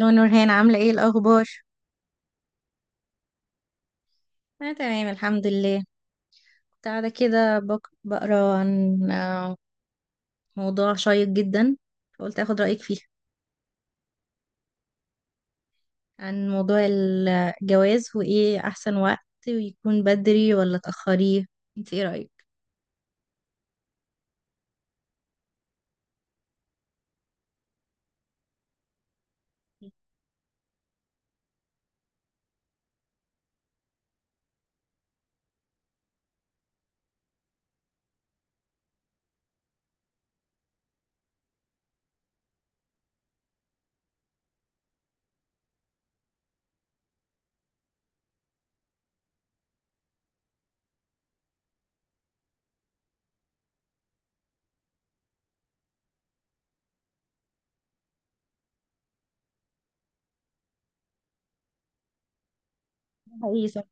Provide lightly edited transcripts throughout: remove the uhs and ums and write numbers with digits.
لو نورهان عاملة ايه الأخبار؟ أنا تمام الحمد لله. كنت قاعدة كده بقرا عن موضوع شيق جدا، فقلت أخد رأيك فيه عن موضوع الجواز وإيه أحسن وقت، ويكون بدري ولا تأخريه. انت ايه رأيك؟ حقيقي صح.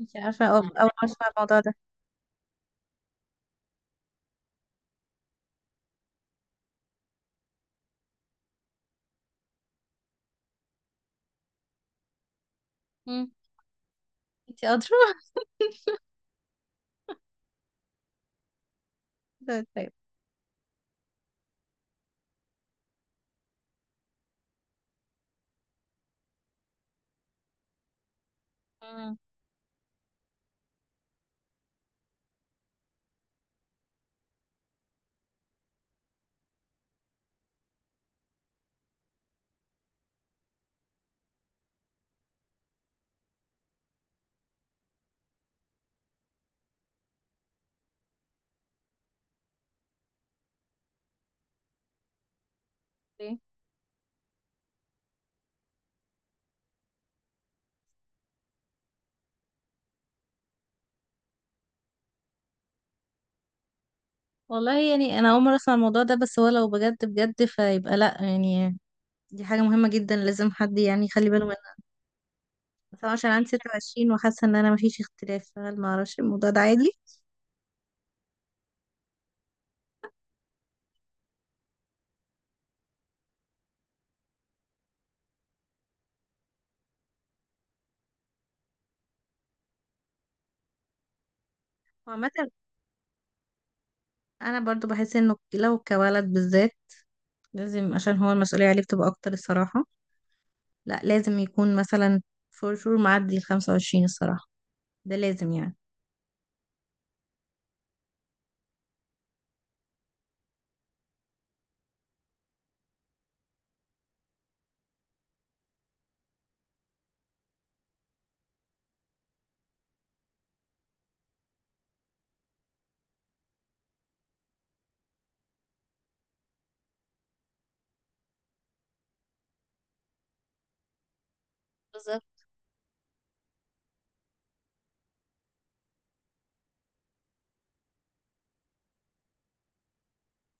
انت عارفة أول مرة أسمع الموضوع ده. مم. انت أدرى. طيب. مم. إيه؟ والله يعني أنا أول مرة أسمع الموضوع ده، بس هو لو بجد بجد فيبقى لأ يعني، دي حاجة مهمة جدا لازم حد يعني يخلي باله. بس أنا عشان عندي 26 وحاسة ان انا مفيش اختلاف، فهل معرفش الموضوع ده عادي؟ وعامة انا برضو بحس انه لو كولد بالذات لازم، عشان هو المسؤولية عليه بتبقى اكتر الصراحة، لا لازم يكون مثلا فور شور معدي ال 25 الصراحة، ده لازم يعني بالظبط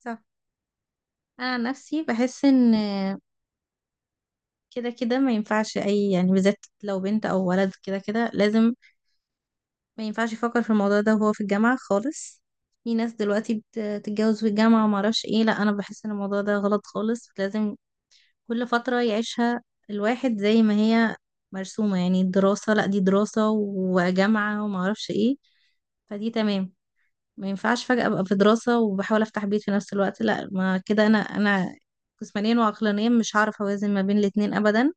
صح. انا عن نفسي بحس ان كده كده ما ينفعش اي يعني، بالذات لو بنت او ولد كده كده لازم، ما ينفعش يفكر في الموضوع ده وهو في الجامعة خالص. في ناس دلوقتي بتتجوز في الجامعة وما اعرفش ايه، لا انا بحس ان الموضوع ده غلط خالص. لازم كل فترة يعيشها الواحد زي ما هي مرسومة، يعني الدراسة، لا دي دراسة وجامعة وما اعرفش ايه، فدي تمام. ما ينفعش فجأة ابقى في دراسة وبحاول افتح بيت في نفس الوقت، لا ما كده انا جسمانيا وعقلانيا مش هعرف اوازن ما بين الاتنين ابدا،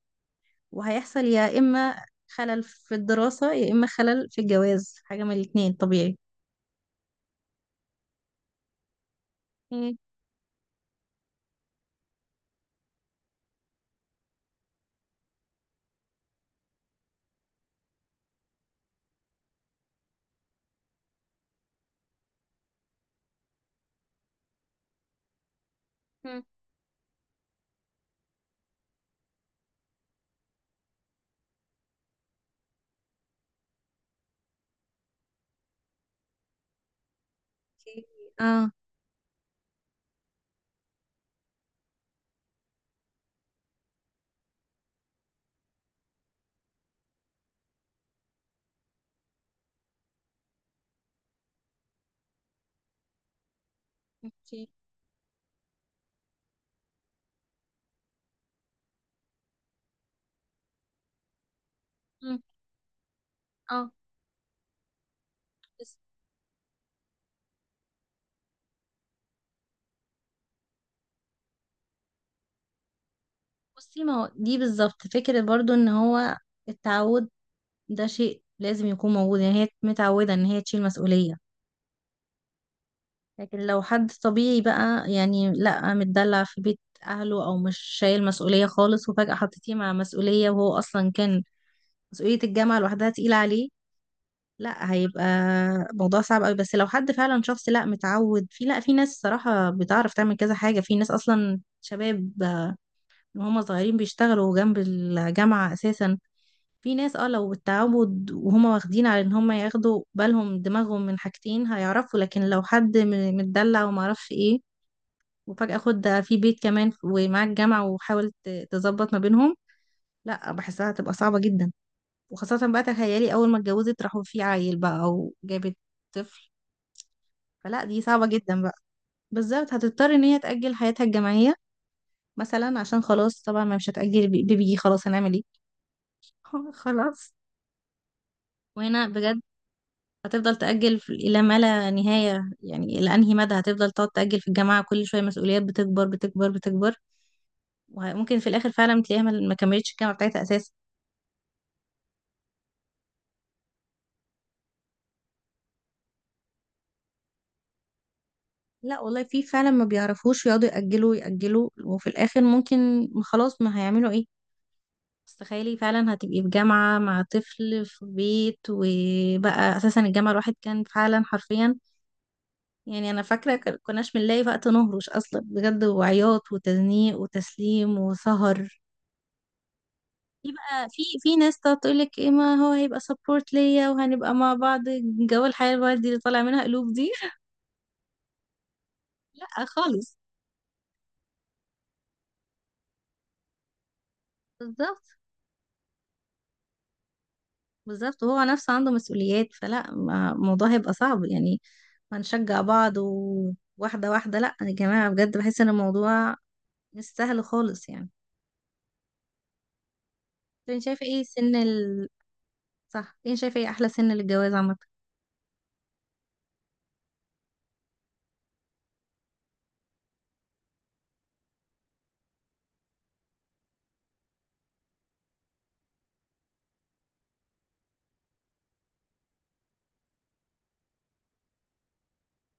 وهيحصل يا اما خلل في الدراسة يا اما خلل في الجواز، حاجة من الاتنين طبيعي. مم. مم. اوكي. اه اوكي. مم. اه. بس بصي، ما هو دي بالظبط فكرة برضو ان هو التعود ده شيء لازم يكون موجود، يعني هي متعودة ان هي تشيل مسؤولية، لكن لو حد طبيعي بقى يعني لا متدلع في بيت اهله او مش شايل مسؤولية خالص، وفجأة حطيتيه مع مسؤولية وهو اصلا كان مسؤولية الجامعة لوحدها تقيلة عليه، لا هيبقى موضوع صعب قوي. بس لو حد فعلا شخص لا متعود، في لا في ناس صراحة بتعرف تعمل كذا حاجة، في ناس اصلا شباب وهم صغيرين بيشتغلوا جنب الجامعة اساسا. في ناس اه لو بالتعود وهما واخدين على ان هما ياخدوا بالهم دماغهم من حاجتين هيعرفوا، لكن لو حد متدلع وما اعرفش ايه، وفجأة خد ده في بيت كمان ومعاك جامعة وحاول تظبط ما بينهم، لا بحسها هتبقى صعبة جدا. وخاصة بقى تخيلي اول ما اتجوزت راحوا في عيل بقى او جابت طفل، فلا دي صعبة جدا بقى. بالظبط. هتضطر ان هي تأجل حياتها الجامعية مثلا، عشان خلاص طبعا ما مش هتأجل بيبي، خلاص هنعمل ايه؟ خلاص. وهنا بجد، هتفضل تأجل إلى ما لا نهاية، يعني إلى أنهي مدى هتفضل تقعد تأجل في الجامعة، كل شوية مسؤوليات بتكبر بتكبر بتكبر، وممكن في الآخر فعلا تلاقيها ما كملتش الجامعة بتاعتها أساسا. لا والله في فعلا ما بيعرفوش يقعدوا يأجلوا يأجلوا، وفي الآخر ممكن خلاص ما هيعملوا إيه. بس تخيلي فعلا هتبقي في جامعة مع طفل في بيت، وبقى أساسا الجامعة الواحد كان فعلا حرفيا، يعني أنا فاكرة كناش بنلاقي وقت نهرش أصلا بجد، وعياط وتزنيق وتسليم وسهر. في بقى في ناس تقعد تقولك ايه، ما هو هيبقى سبورت ليا وهنبقى مع بعض، جو الحياة الوردي اللي طالع منها قلوب دي. لا خالص. بالظبط. بالظبط، وهو نفسه عنده مسؤوليات، فلا الموضوع هيبقى صعب يعني، هنشجع بعض وواحدة واحدة، لا يا جماعة بجد بحس ان الموضوع مش سهل خالص يعني. طب انت شايفة ايه سن ال صح، انت شايفة ايه احلى سن للجواز عامة؟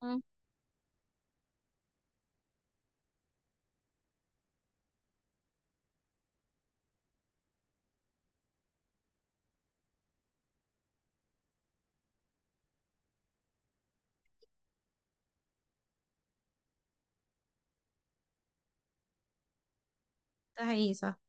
مم، ده حقيقي صح.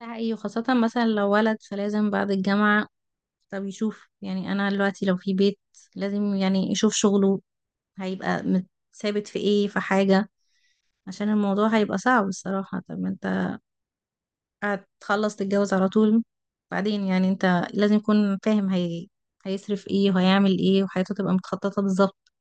ده حقيقي، وخاصة مثلا لو ولد فلازم بعد الجامعة، طب يشوف يعني انا دلوقتي لو في بيت لازم يعني يشوف شغله، هيبقى ثابت في ايه في حاجة، عشان الموضوع هيبقى صعب الصراحة، طب ما انت هتخلص تتجوز على طول بعدين يعني، انت لازم يكون فاهم هيصرف ايه وهيعمل ايه وحياته تبقى متخططة بالظبط.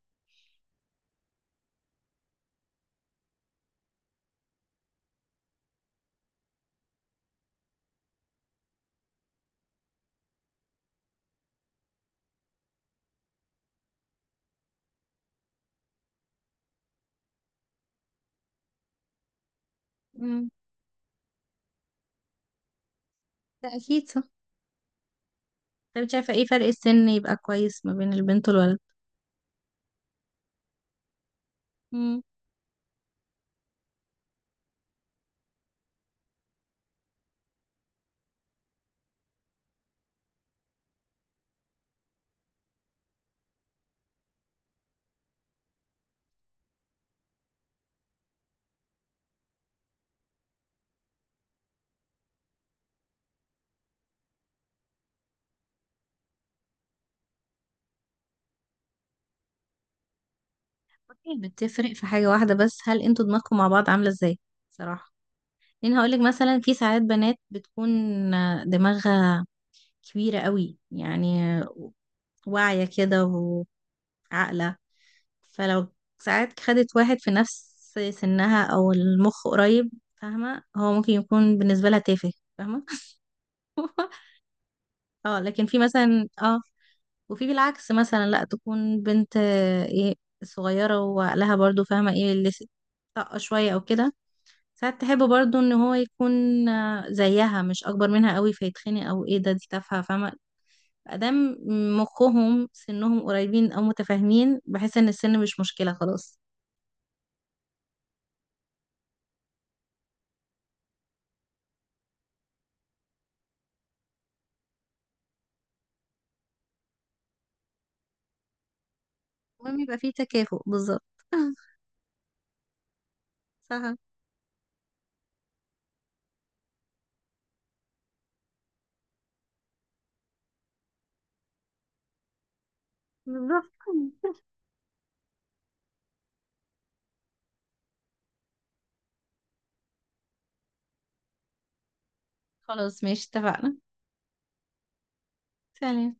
امم، ده اكيد صح. طب شايفة ايه فرق السن يبقى كويس ما بين البنت والولد؟ امم. بتفرق في حاجة واحدة بس، هل انتوا دماغكم مع بعض عاملة ازاي صراحة؟ لان هقولك مثلا، في ساعات بنات بتكون دماغها كبيرة قوي يعني، واعية كده وعاقلة، فلو ساعات خدت واحد في نفس سنها او المخ قريب، فاهمة هو ممكن يكون بالنسبة لها تافه، فاهمة. اه، لكن في مثلا اه، وفي بالعكس مثلا، لا تكون بنت ايه صغيرة وعقلها برضو فاهمة ايه اللي، طاقة شوية او كده، ساعات تحب برضو ان هو يكون زيها مش اكبر منها قوي فيتخنق او ايه ده دي تافهه فاهمه. ادام مخهم سنهم قريبين او متفاهمين بحس ان السن مش مشكله خلاص. المهم يبقى فيه تكافؤ بالظبط. صح. بالظبط. خلاص ماشي اتفقنا. سلام.